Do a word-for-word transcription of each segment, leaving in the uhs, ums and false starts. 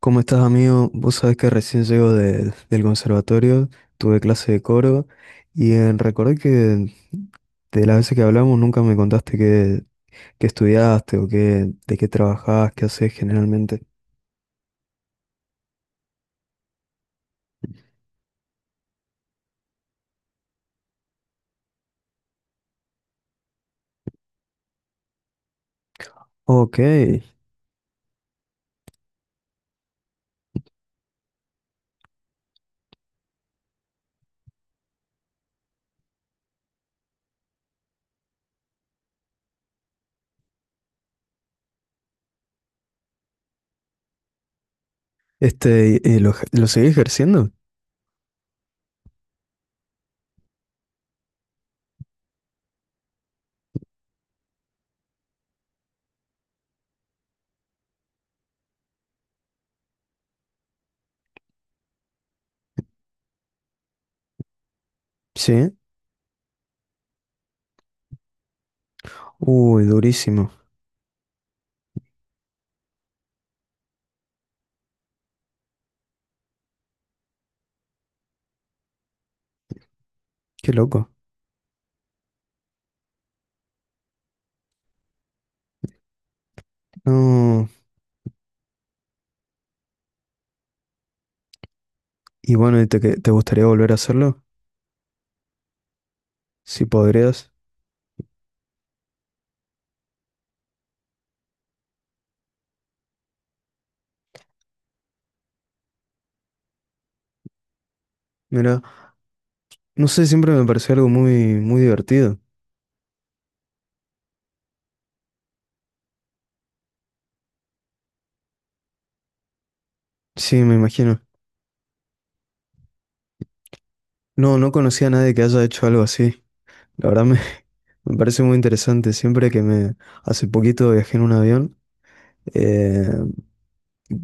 ¿Cómo estás, amigo? Vos sabés que recién llego de- del conservatorio, tuve clase de coro y eh, recordé que de las veces que hablamos nunca me contaste qué, qué estudiaste o qué, de qué trabajás, qué haces generalmente. Ok, este, ¿y y lo, ej- lo seguís ejerciendo? Sí. Uy, durísimo, qué loco. No, y bueno, ¿y te, que- te gustaría volver a hacerlo? Si podrías. Mira, no sé, siempre me pareció algo muy, muy divertido. Sí, me imagino. No, no conocía a nadie que haya hecho algo así. La verdad me, me parece muy interesante. Siempre que me… Hace poquito viajé en un avión. eh,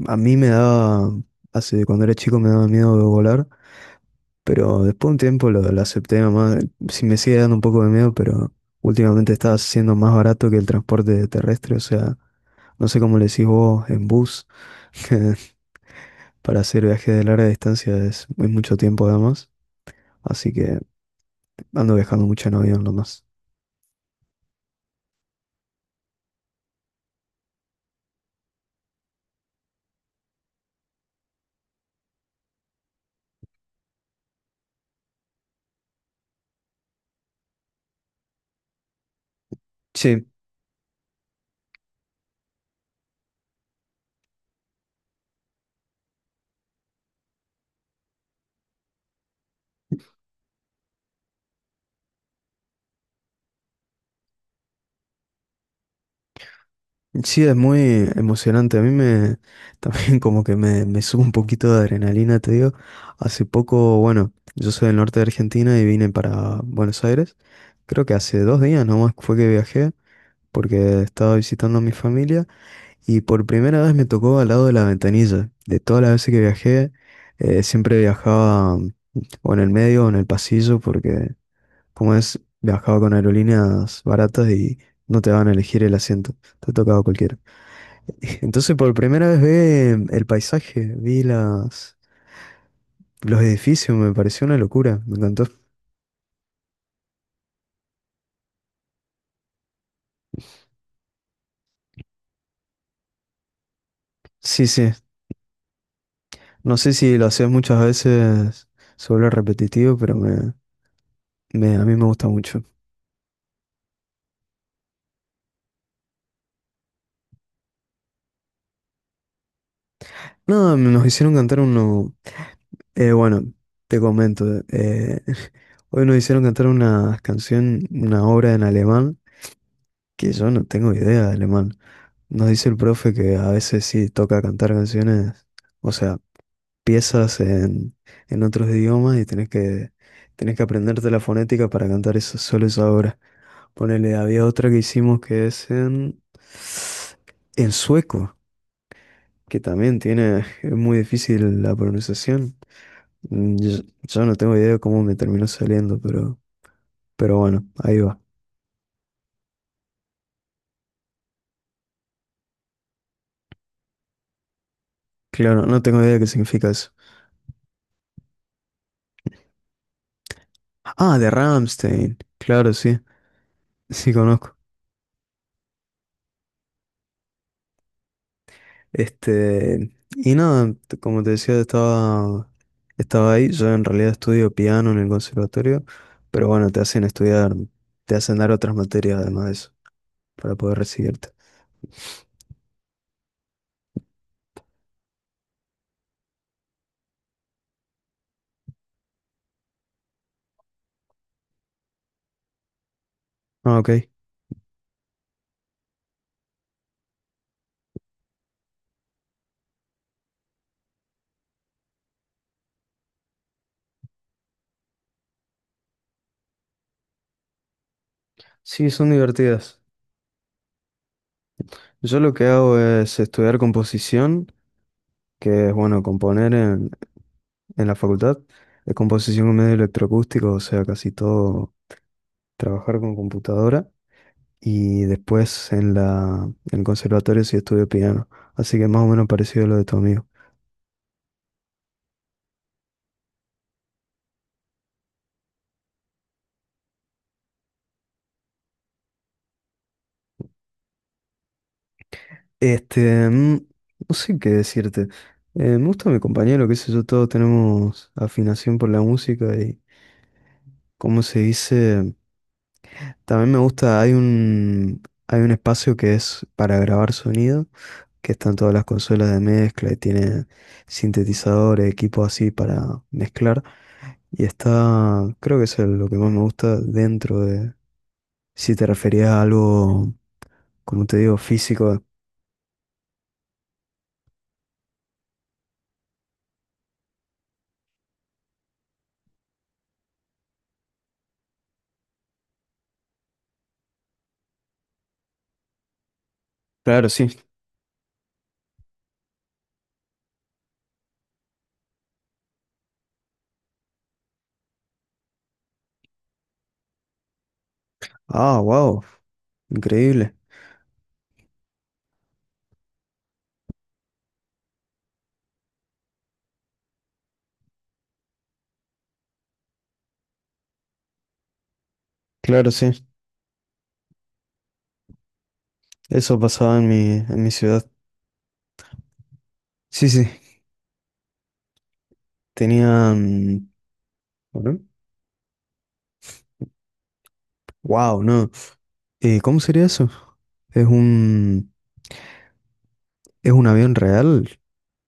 a mí me daba… Hace, cuando era chico me daba miedo de volar. Pero después de un tiempo lo, lo acepté nomás. Sí me sigue dando un poco de miedo, pero últimamente está siendo más barato que el transporte terrestre. O sea, no sé cómo le decís vos en bus. Para hacer viajes de larga distancia es, es mucho tiempo además. Así que ando viajando mucho en avión nomás. Sí, sí, es muy emocionante. A mí me también como que me, me sube un poquito de adrenalina, te digo. Hace poco, bueno, yo soy del norte de Argentina y vine para Buenos Aires. Creo que hace dos días nomás fue que viajé porque estaba visitando a mi familia y por primera vez me tocó al lado de la ventanilla. De todas las veces que viajé, eh, siempre viajaba mm, o en el medio o en el pasillo porque como es, viajaba con aerolíneas baratas y no te van a elegir el asiento. Te tocaba cualquiera. Entonces por primera vez vi el paisaje, vi las, los edificios, me pareció una locura, me encantó. Sí, sí, no sé si lo haces muchas veces, se vuelve repetitivo, pero me, me- a mí me gusta mucho. No, nos hicieron cantar uno, eh, bueno, te comento, eh, hoy nos hicieron cantar una canción, una obra en alemán, que yo no tengo idea de alemán. Nos dice el profe que a veces sí toca cantar canciones, o sea… piezas en, en otros idiomas y tenés que, tenés que aprenderte la fonética para cantar eso, solo esa obra. Ponele, había otra que hicimos que es en, en sueco, que también tiene, es muy difícil la pronunciación. Mm, Yo, yo no tengo idea de cómo me terminó saliendo, pero, pero bueno, ahí va. Claro, no tengo idea de qué significa eso. Ah, de Rammstein. Claro, sí, sí conozco. Este, y nada, t- como te decía, estaba, estaba ahí. Yo en realidad estudio piano en el conservatorio, pero bueno, te hacen estudiar, te hacen dar otras materias además de eso, para poder recibirte. Ah, ok. Sí, son divertidas. Yo lo que hago es estudiar composición, que es bueno, componer en, en la facultad, de composición con medio electroacústico, o sea, casi todo trabajar con computadora. Y después en la, en el conservatorio sí estudié piano. Así que más o menos parecido a lo de tu amigo. Este, mm, no sé qué decirte. Eh, me gusta mi compañero, qué sé yo, todos tenemos afinación por la música y, ¿cómo se dice? También me gusta, hay un, hay un espacio que es para grabar sonido, que están todas las consolas de mezcla y tiene sintetizadores, equipos así para mezclar. Y está, creo que es el- lo que más me gusta dentro de, si te referías a algo, como te digo, físico. Claro, sí. Ah, wow. Increíble. Claro, sí. Eso pasaba en mi, en mi ciudad. Sí, sí. Tenían… Bueno. Wow, no. Eh, ¿cómo sería eso? Es un… Es un avión real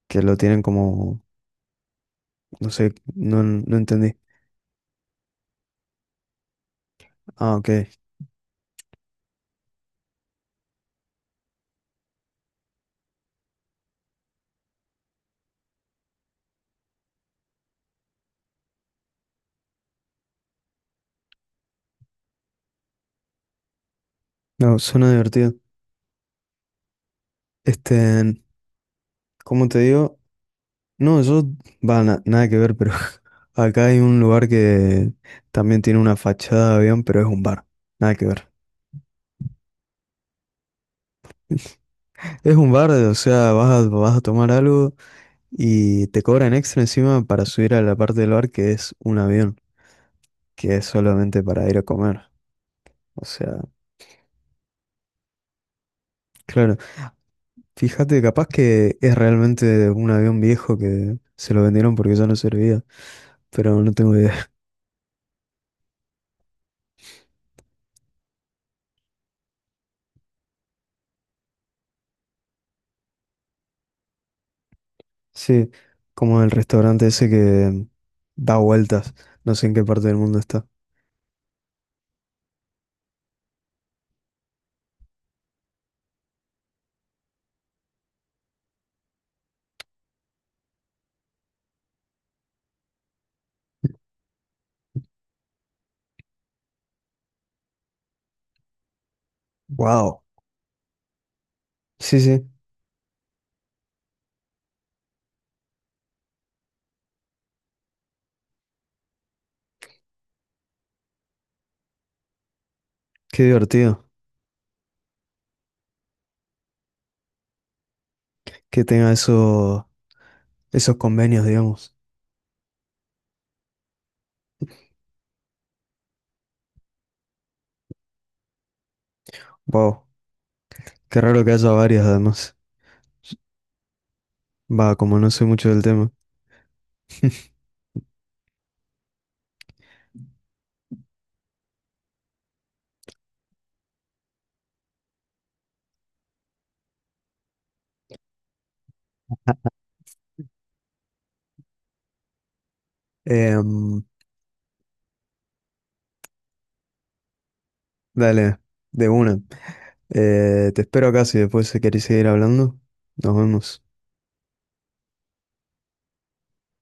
que lo tienen como… No sé, no, no entendí. Ah, ok. No, suena divertido. Este… Como te digo, no, yo, va, na- nada que ver, pero acá hay un lugar que también tiene una fachada de avión, pero es un bar, nada que ver. Es un bar, o sea, vas a, vas a tomar algo y te cobran extra encima para subir a la parte del bar que es un avión, que es solamente para ir a comer. O sea, claro, fíjate, capaz que es realmente un avión viejo que se lo vendieron porque ya no servía, pero no tengo idea. Sí, como el restaurante ese que da vueltas. No sé en qué parte del mundo está. Wow. Sí, sí, qué divertido que tenga eso, esos convenios, digamos. Wow. Qué raro que haya varias, además. Va, como no sé mucho del tema. Em, dale, de una. Eh, te espero acá si después querés seguir hablando. Nos vemos.